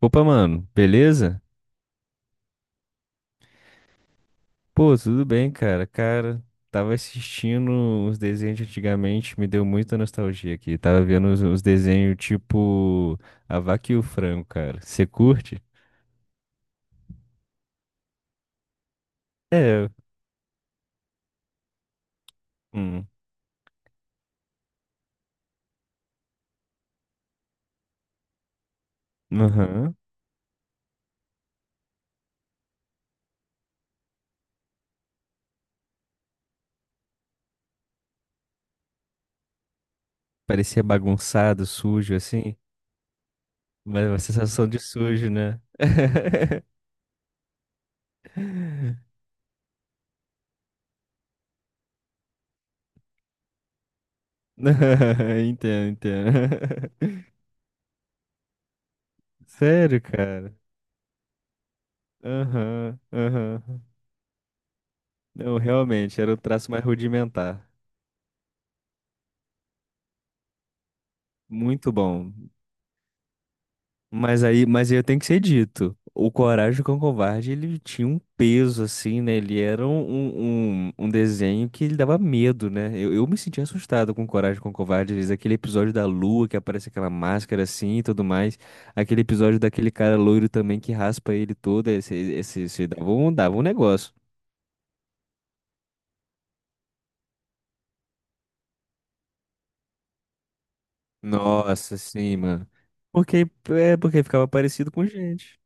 Opa, mano, beleza? Pô, tudo bem, cara. Cara, tava assistindo uns desenhos de antigamente, me deu muita nostalgia aqui. Tava vendo uns desenhos tipo A Vaca e o Frango, cara. Você curte? É. Hum. Aham. Parecia bagunçado, sujo, assim. Mas uma sensação de sujo, né? Entendo, entendo. Sério, cara? Aham, aham. Não, realmente, era o traço mais rudimentar. Muito bom. Mas aí eu tenho que ser dito. O Coragem com o Covarde, ele tinha um peso, assim, né? Ele era um desenho que ele dava medo, né? Eu me sentia assustado com Coragem com o Covarde às vezes. Aquele episódio da lua, que aparece aquela máscara assim e tudo mais. Aquele episódio daquele cara loiro também que raspa ele todo. Esse dava um negócio. Nossa, sim, mano. É porque ficava parecido com gente.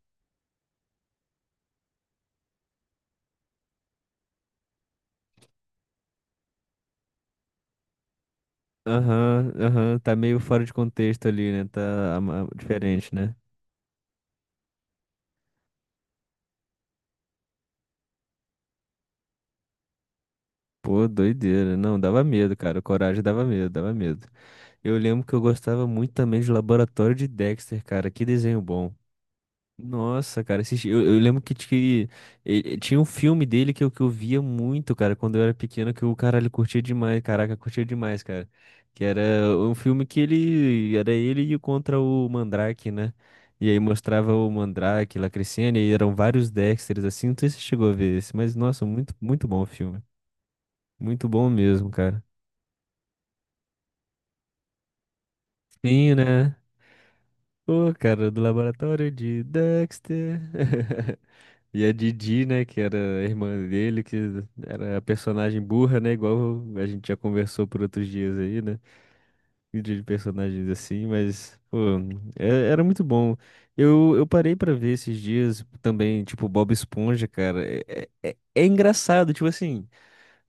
Aham, aham, tá meio fora de contexto ali, né? Tá diferente, né? Pô, doideira. Não, dava medo, cara. Coragem dava medo, dava medo. Eu lembro que eu gostava muito também de Laboratório de Dexter, cara. Que desenho bom. Nossa, cara, eu lembro que, tinha um filme dele que eu via muito, cara, quando eu era pequeno, que o caralho curtia demais, caraca, curtia demais, cara. Que era um filme que era ele contra o Mandrake, né? E aí mostrava o Mandrake lá crescendo, e aí eram vários Dexters, assim, não sei se você chegou a ver esse, mas, nossa, muito, muito bom o filme. Muito bom mesmo, cara. Sim, né? Pô, cara, do laboratório de Dexter. E a Didi, né, que era a irmã dele, que era a personagem burra, né, igual a gente já conversou por outros dias aí, né, de personagens assim, mas, pô, era muito bom. Eu parei pra ver esses dias também, tipo, Bob Esponja, cara, é engraçado, tipo assim,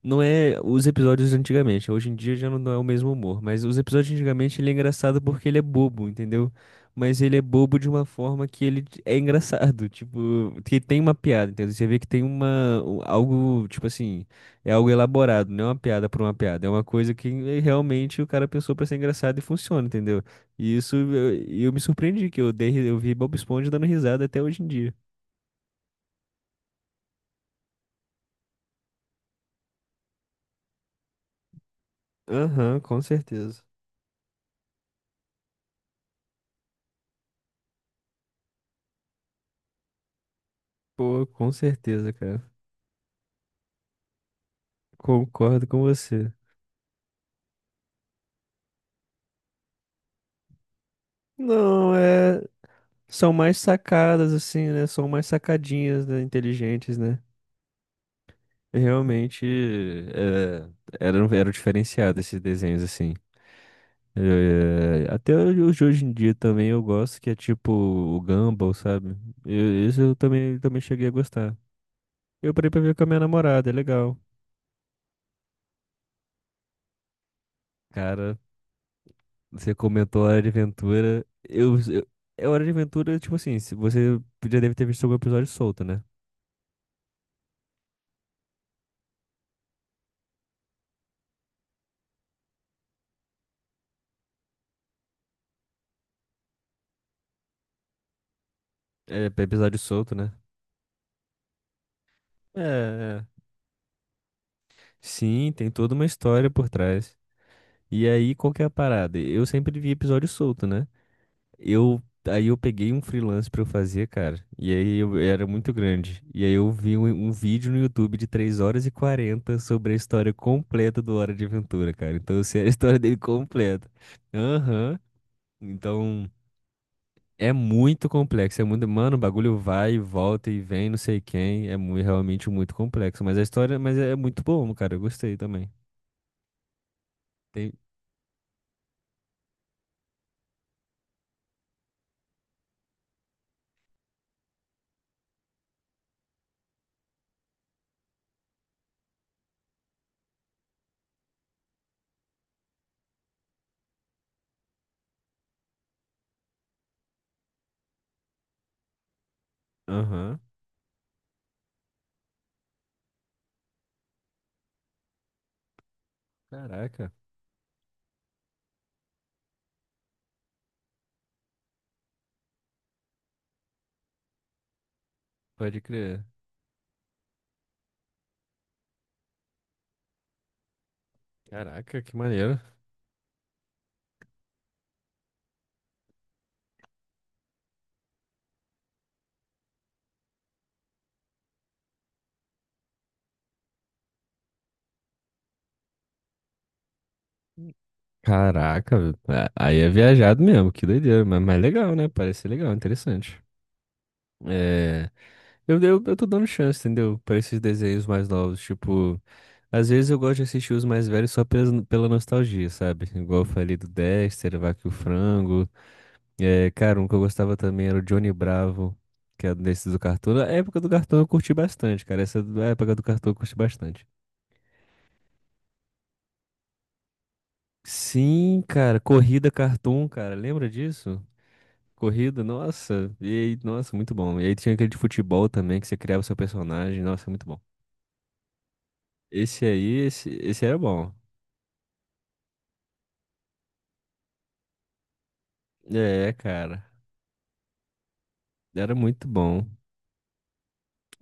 não é os episódios de antigamente. Hoje em dia já não é o mesmo humor. Mas os episódios de antigamente ele é engraçado porque ele é bobo, entendeu? Mas ele é bobo de uma forma que é engraçado. Tipo, que tem uma piada, entendeu? Você vê que tem uma. Algo, tipo assim. É algo elaborado, não é uma piada por uma piada. É uma coisa que realmente o cara pensou pra ser engraçado e funciona, entendeu? E isso eu me surpreendi, que eu vi Bob Esponja dando risada até hoje em dia. Aham, com certeza. Pô, com certeza, cara. Concordo com você. Não, é. São mais sacadas, assim, né? São mais sacadinhas, né? Inteligentes, né? Realmente é, eram diferenciados esses desenhos, assim. É, até os de hoje em dia também eu gosto, que é tipo o Gumball, sabe? Eu, esse eu também, também cheguei a gostar. Eu parei pra ver com a minha namorada, é legal. Cara, você comentou Hora de Aventura. É Hora de Aventura, tipo assim, se você já deve ter visto algum episódio solto, né? É, episódio solto, né? É, é. Sim, tem toda uma história por trás. E aí, qual que é a parada? Eu sempre vi episódio solto, né? Aí eu peguei um freelance pra eu fazer, cara. E aí eu era muito grande. E aí eu vi um vídeo no YouTube de 3h40 sobre a história completa do Hora de Aventura, cara. Então eu sei a história dele completa. Aham. Então é muito complexo. É muito, mano, o bagulho vai e volta e vem, não sei quem. Realmente muito complexo. Mas a história, mas é muito bom, cara. Eu gostei também. Tem. Aham. Caraca, pode crer. Caraca, que maneiro. Caraca, velho. É, aí é viajado mesmo, que doideira, mas legal, né? Parece ser legal, interessante. É, eu tô dando chance, entendeu? Pra esses desenhos mais novos, tipo, às vezes eu gosto de assistir os mais velhos só pela, pela nostalgia, sabe? Igual eu falei do Dexter, Vaca e o Frango. É, cara, um que eu gostava também era o Johnny Bravo, que é desses do Cartoon. A época do Cartoon eu curti bastante, cara. A época do Cartoon eu curti bastante. Sim, cara, Corrida Cartoon, cara, lembra disso? Corrida, nossa, e aí, nossa, muito bom. E aí tinha aquele de futebol também, que você criava o seu personagem, nossa, muito bom. Esse era bom. É, cara, era muito bom.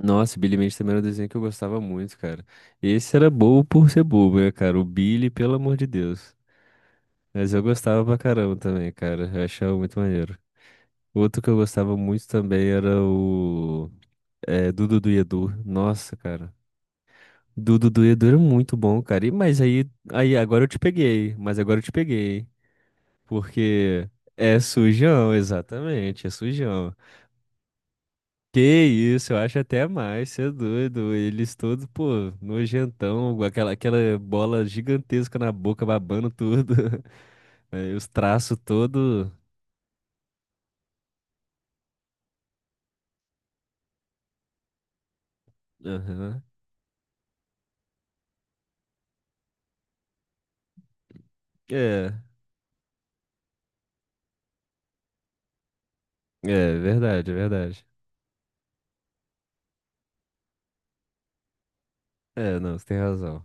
Nossa, Billy Mandy também era um desenho que eu gostava muito, cara. Esse era bobo por ser bobo, né, cara? O Billy, pelo amor de Deus. Mas eu gostava pra caramba também, cara, eu achava muito maneiro. Outro que eu gostava muito também era o... É, Dudu do Edu. Nossa, cara. Do Dudu e Edu era muito bom, cara. E, mas aí, aí agora eu te peguei. Mas agora eu te peguei. Porque é sujão, exatamente, é sujão. Que isso, eu acho até mais, cê é doido. Eles todos, pô, nojentão, com aquela bola gigantesca na boca, babando tudo. Aí os traços todo. Aham. É, é verdade, é verdade. É, não, você tem razão.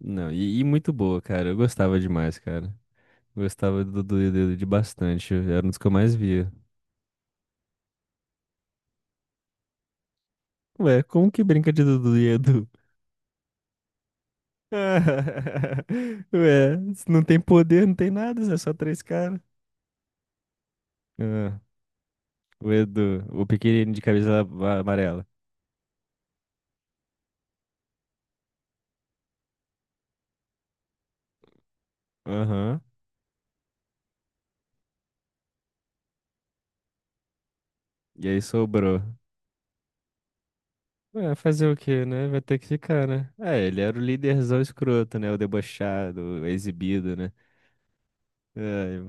Não, e muito boa, cara. Eu gostava demais, cara. Gostava do Dudu e do Edu bastante. Era um dos que eu mais via. Ué, como que brinca de Dudu e Edu? Ué, se não tem poder, não tem nada, Zé, só três caras. Ah, o Edu, o pequenino de camisa amarela. Aham. E aí sobrou. Ué, fazer o quê, né? Vai ter que ficar, né? É, ele era o líderzão escroto, né? O debochado, o exibido, né? Ai,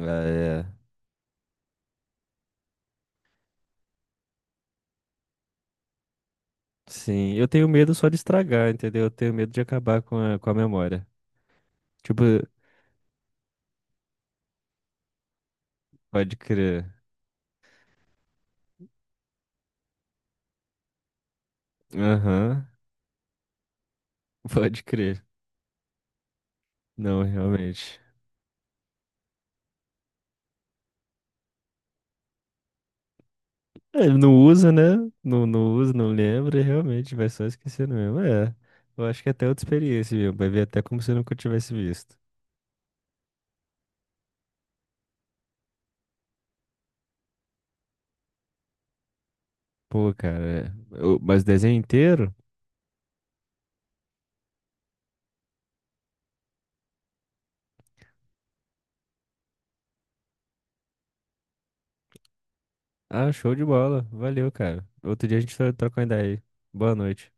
ah, é. Sim, eu tenho medo só de estragar, entendeu? Eu tenho medo de acabar com a memória. Tipo, pode crer. Aham, pode crer. Não, realmente. É, ele não usa, né? Não, não usa, não lembra, realmente, vai só esquecendo mesmo. É, eu acho que é até outra experiência, viu? Vai ver até como se eu nunca tivesse visto. Pô, cara, é. Mas desenho inteiro? Ah, show de bola. Valeu, cara. Outro dia a gente troca uma ideia aí. Boa noite.